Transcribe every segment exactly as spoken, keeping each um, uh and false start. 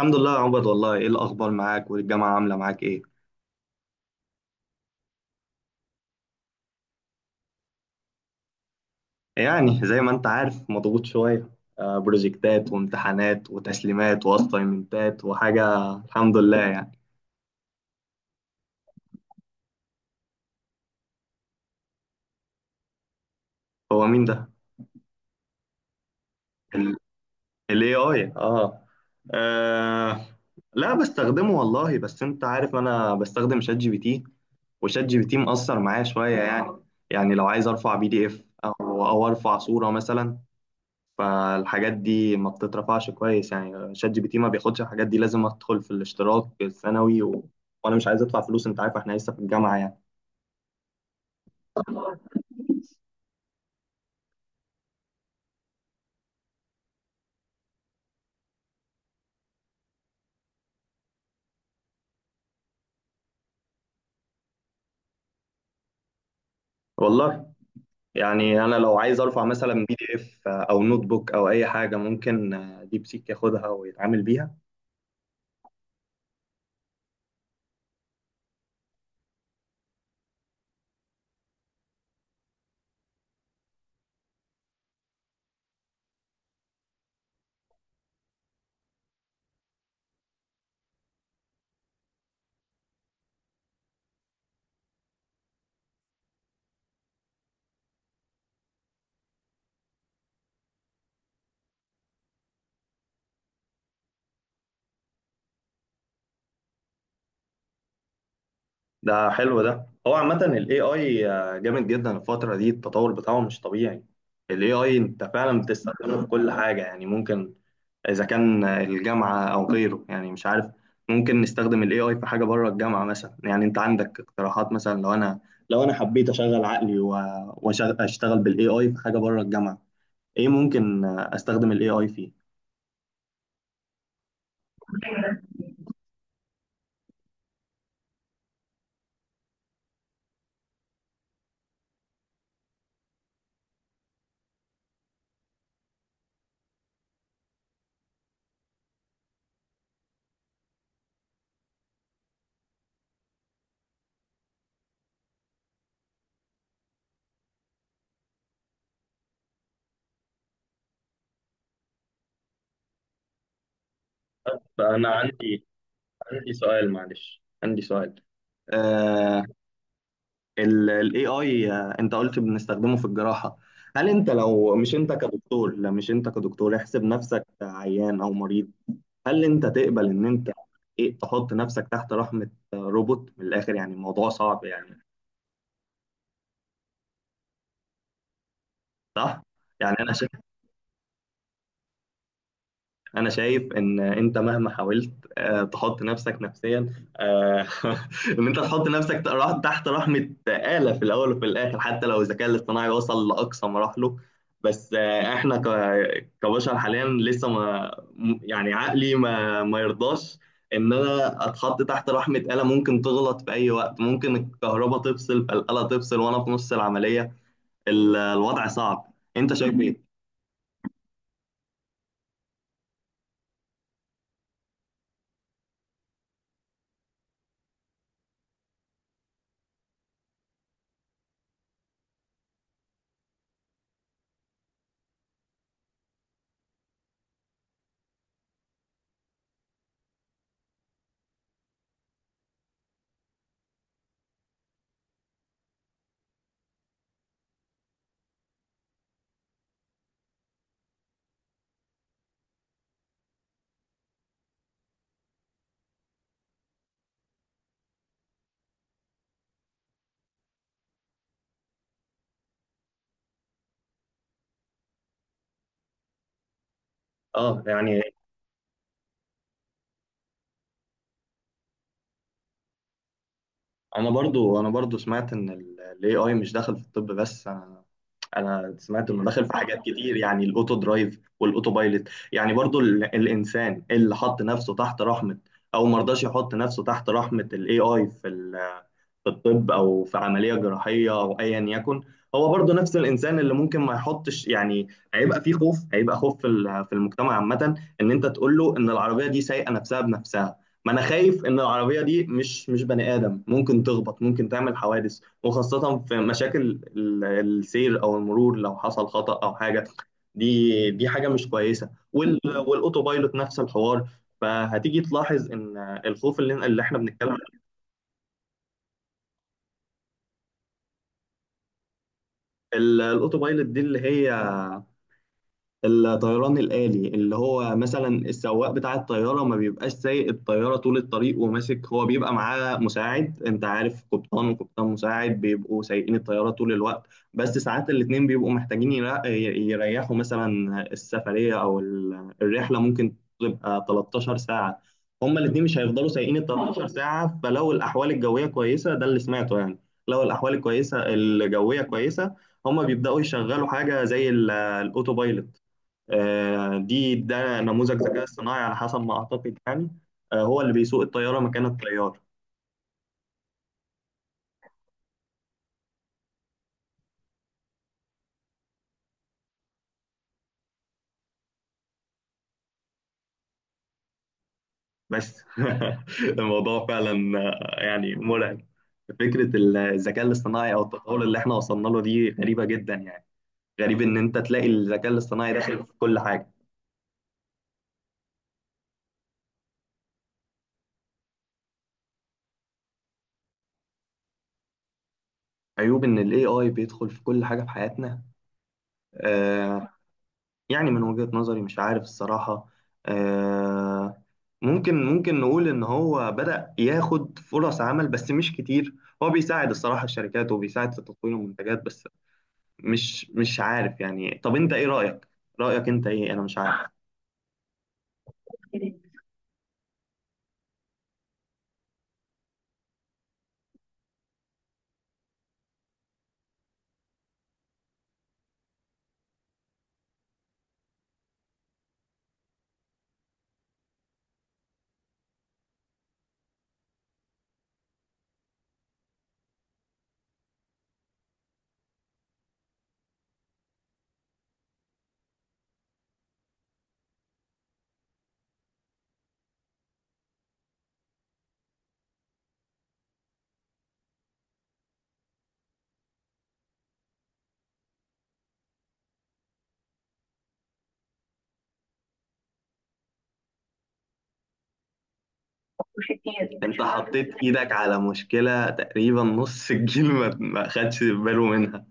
الحمد لله يا عبد، والله ايه الاخبار معاك؟ والجامعه عامله معاك ايه؟ يعني زي ما انت عارف مضغوط شويه. آه، بروجكتات وامتحانات وتسليمات واساينمنتات وحاجه، الحمد لله يعني. هو مين ده؟ الاي اي؟ اه. آه، لا، بستخدمه والله، بس انت عارف انا بستخدم شات جي بي تي، وشات جي بي تي مأثر معايا شويه يعني. يعني لو عايز ارفع بي دي اف او او ارفع صوره مثلا، فالحاجات دي ما بتترفعش كويس، يعني شات جي بي تي ما بياخدش الحاجات دي، لازم ادخل في الاشتراك السنوي و... وانا مش عايز ادفع فلوس، انت عارف احنا لسه في الجامعه يعني. والله يعني انا لو عايز ارفع مثلا بي دي اف او نوت بوك او اي حاجه، ممكن ديب سيك ياخدها ويتعامل بيها. ده حلو، ده هو عامه الاي اي جامد جدا، الفتره دي التطور بتاعه مش طبيعي. الاي اي انت فعلا بتستخدمه في كل حاجه، يعني ممكن اذا كان الجامعه او غيره، يعني مش عارف، ممكن نستخدم الاي اي في حاجه بره الجامعه مثلا. يعني انت عندك اقتراحات؟ مثلا لو انا لو انا حبيت اشغل عقلي واشتغل بالاي اي في حاجه بره الجامعه، ايه ممكن استخدم الاي اي فيه؟ فأنا عندي عندي سؤال، معلش، عندي سؤال، آه. الاي اي انت قلت بنستخدمه في الجراحه، هل انت، لو مش انت كدكتور، لا مش انت كدكتور، احسب نفسك عيان او مريض، هل انت تقبل ان انت ايه، تحط نفسك تحت رحمة آه، روبوت؟ من الاخر يعني الموضوع صعب يعني. صح. يعني انا انا شايف ان انت مهما حاولت آه، تحط نفسك نفسيا، آه، ان انت تحط نفسك تحت تحت رحمه آلة. في الاول وفي الاخر، حتى لو الذكاء الاصطناعي وصل لاقصى مراحله، بس آه، احنا ك- كبشر حاليا لسه ما م- يعني عقلي ما ما يرضاش ان انا اتحط تحت رحمه آلة، ممكن تغلط في اي وقت، ممكن الكهرباء تفصل فالآلة تفصل وانا في نص العمليه. ال- الوضع صعب، انت شايف ايه؟ اه يعني انا برضو، انا برضو سمعت ان الاي اي مش داخل في الطب بس، انا انا سمعت انه داخل في حاجات كتير، يعني الاوتو درايف والاوتو بايلوت، يعني برضو ال... الانسان اللي حط نفسه تحت رحمة، او مرضاش يحط نفسه تحت رحمة الاي اي في ال... في الطب او في عمليه جراحيه او ايا يكن، هو برضه نفس الانسان اللي ممكن ما يحطش يعني. هيبقى فيه خوف، هيبقى خوف في ال- في المجتمع عامه، ان انت تقول له ان العربيه دي سايقه نفسها بنفسها. ما انا خايف ان العربيه دي مش مش بني ادم، ممكن تخبط، ممكن تعمل حوادث، وخاصه في مشاكل ال- السير او المرور، لو حصل خطا او حاجه، دي دي حاجه مش كويسه. وال- والاوتوبايلوت نفس الحوار، فهتيجي تلاحظ ان الخوف اللي اللي احنا بنتكلم. ال- الاوتو بايلوت دي اللي هي الطيران الآلي، اللي هو مثلا السواق بتاع الطيارة ما بيبقاش سايق الطيارة طول الطريق وماسك، هو بيبقى معاه مساعد، انت عارف، قبطان وقبطان مساعد بيبقوا سايقين الطيارة طول الوقت، بس ساعات الاتنين بيبقوا محتاجين يرا- يريحوا، مثلا السفرية او ال- الرحلة ممكن تبقى تلتاشر ساعة، هما الاتنين مش هيفضلوا سايقين ال الثلاث عشرة ساعة. فلو الأحوال الجوية كويسة، ده اللي سمعته يعني، لو الأحوال الكويسة الجوية كويسة، هما بيبدأوا يشغلوا حاجة زي ال- الأوتوبايلوت. آه، دي ده نموذج ذكاء اصطناعي على حسب ما اعتقد يعني، آه، هو اللي بيسوق الطياره مكان الطيار. بس الموضوع فعلا آه، يعني مرعب. فكره الذكاء الاصطناعي او التطور اللي احنا وصلنا له دي غريبه جدا يعني. غريب ان انت تلاقي الذكاء الاصطناعي داخل في كل حاجه. عيوب ان الاي اي بيدخل في كل حاجه في حياتنا، آه، يعني من وجهه نظري مش عارف الصراحه، آه، ممكن ممكن نقول ان هو بدأ ياخد فرص عمل بس مش كتير، هو بيساعد الصراحة الشركات وبيساعد في تطوير المنتجات بس. مش مش عارف يعني، طب انت ايه رأيك؟ رأيك انت ايه؟ انا مش عارف. انت مش عارف. حطيت ايدك على مشكلة تقريبا نص الجيل ما ما خدش باله منها.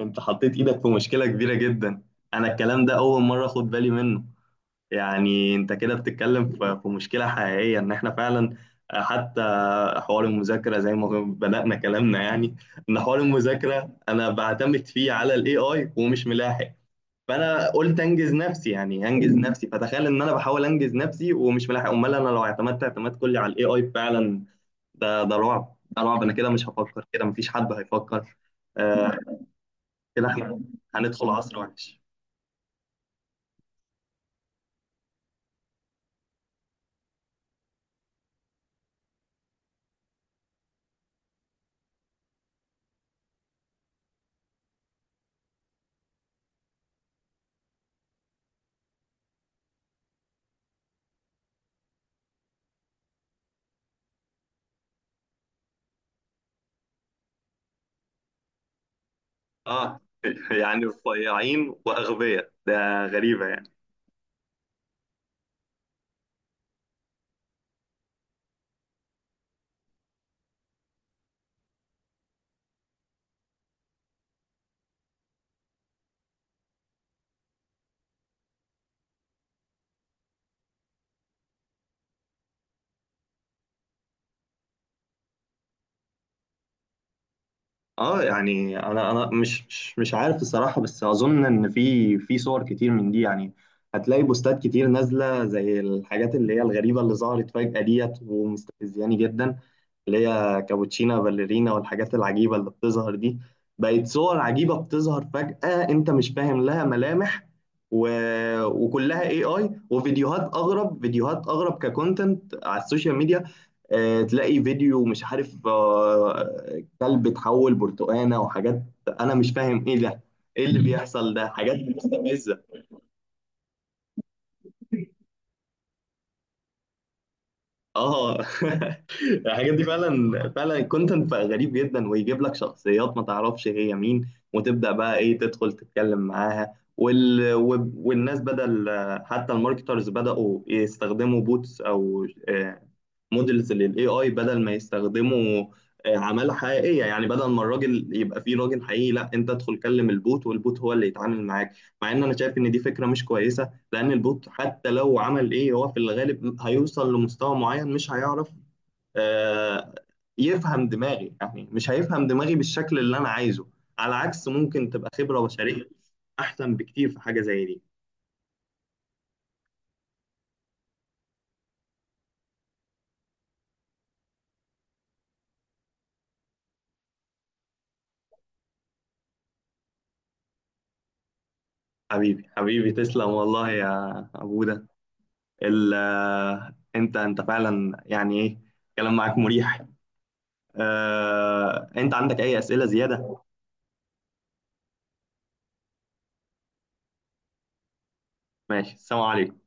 انت حطيت ايدك في مشكلة كبيرة جدا، انا الكلام ده اول مرة اخد بالي منه. يعني انت كده بتتكلم في في مشكلة حقيقية، ان احنا فعلا، حتى حوار المذاكره زي ما بدانا كلامنا يعني، ان حوار المذاكره انا بعتمد فيه على الاي اي ومش ملاحق، فانا قلت انجز نفسي، يعني هنجز نفسي، فتخيل ان انا بحاول انجز نفسي ومش ملاحق، امال انا لو اعتمدت اعتماد كلي على الاي اي فعلا، ده ده رعب، ده رعب، انا كده مش هفكر، كده مفيش حد هيفكر. آه. كده احنا هندخل عصر وحش. اه يعني صياعين واغبياء، ده غريبه يعني. اه يعني انا انا مش مش مش عارف الصراحه، بس اظن ان في في صور كتير من دي يعني، هتلاقي بوستات كتير نازله زي الحاجات اللي هي الغريبه اللي ظهرت فجاه ديت ومستفزياني جدا، اللي هي كابوتشينا باليرينا والحاجات العجيبة اللي بتظهر دي، بقت صور عجيبة بتظهر فجأة انت مش فاهم لها ملامح، و... وكلها اي اي، وفيديوهات اغرب، فيديوهات اغرب ككونتنت على السوشيال ميديا. آه، تلاقي فيديو مش عارف آه، كلب اتحول برتقانة وحاجات، انا مش فاهم ايه ده، ايه اللي بيحصل؟ ده حاجات مستفزة. اه الحاجات دي فعلا، فعلا الكونتنت بقى غريب جدا، ويجيب لك شخصيات ما تعرفش هي مين، وتبدا بقى ايه تدخل تتكلم معاها، وال... وب- والناس بدل، حتى الماركترز بداوا يستخدموا بوتس او مودلز للاي اي بدل ما يستخدموا آه، عماله حقيقيه، يعني بدل ما الراجل يبقى فيه راجل حقيقي، لا، انت ادخل كلم البوت والبوت هو اللي يتعامل معاك. مع ان انا شايف ان دي فكره مش كويسه، لان البوت حتى لو عمل ايه هو في الغالب هيوصل لمستوى معين مش هيعرف آه، يفهم دماغي، يعني مش هيفهم دماغي بالشكل اللي انا عايزه، على عكس ممكن تبقى خبرة بشرية احسن بكتير في حاجة زي دي. حبيبي حبيبي تسلم والله يا ابوده. ال آه، انت انت فعلا يعني ايه، الكلام معاك مريح. آه، انت عندك اي اسئلة زيادة؟ ماشي، السلام عليكم.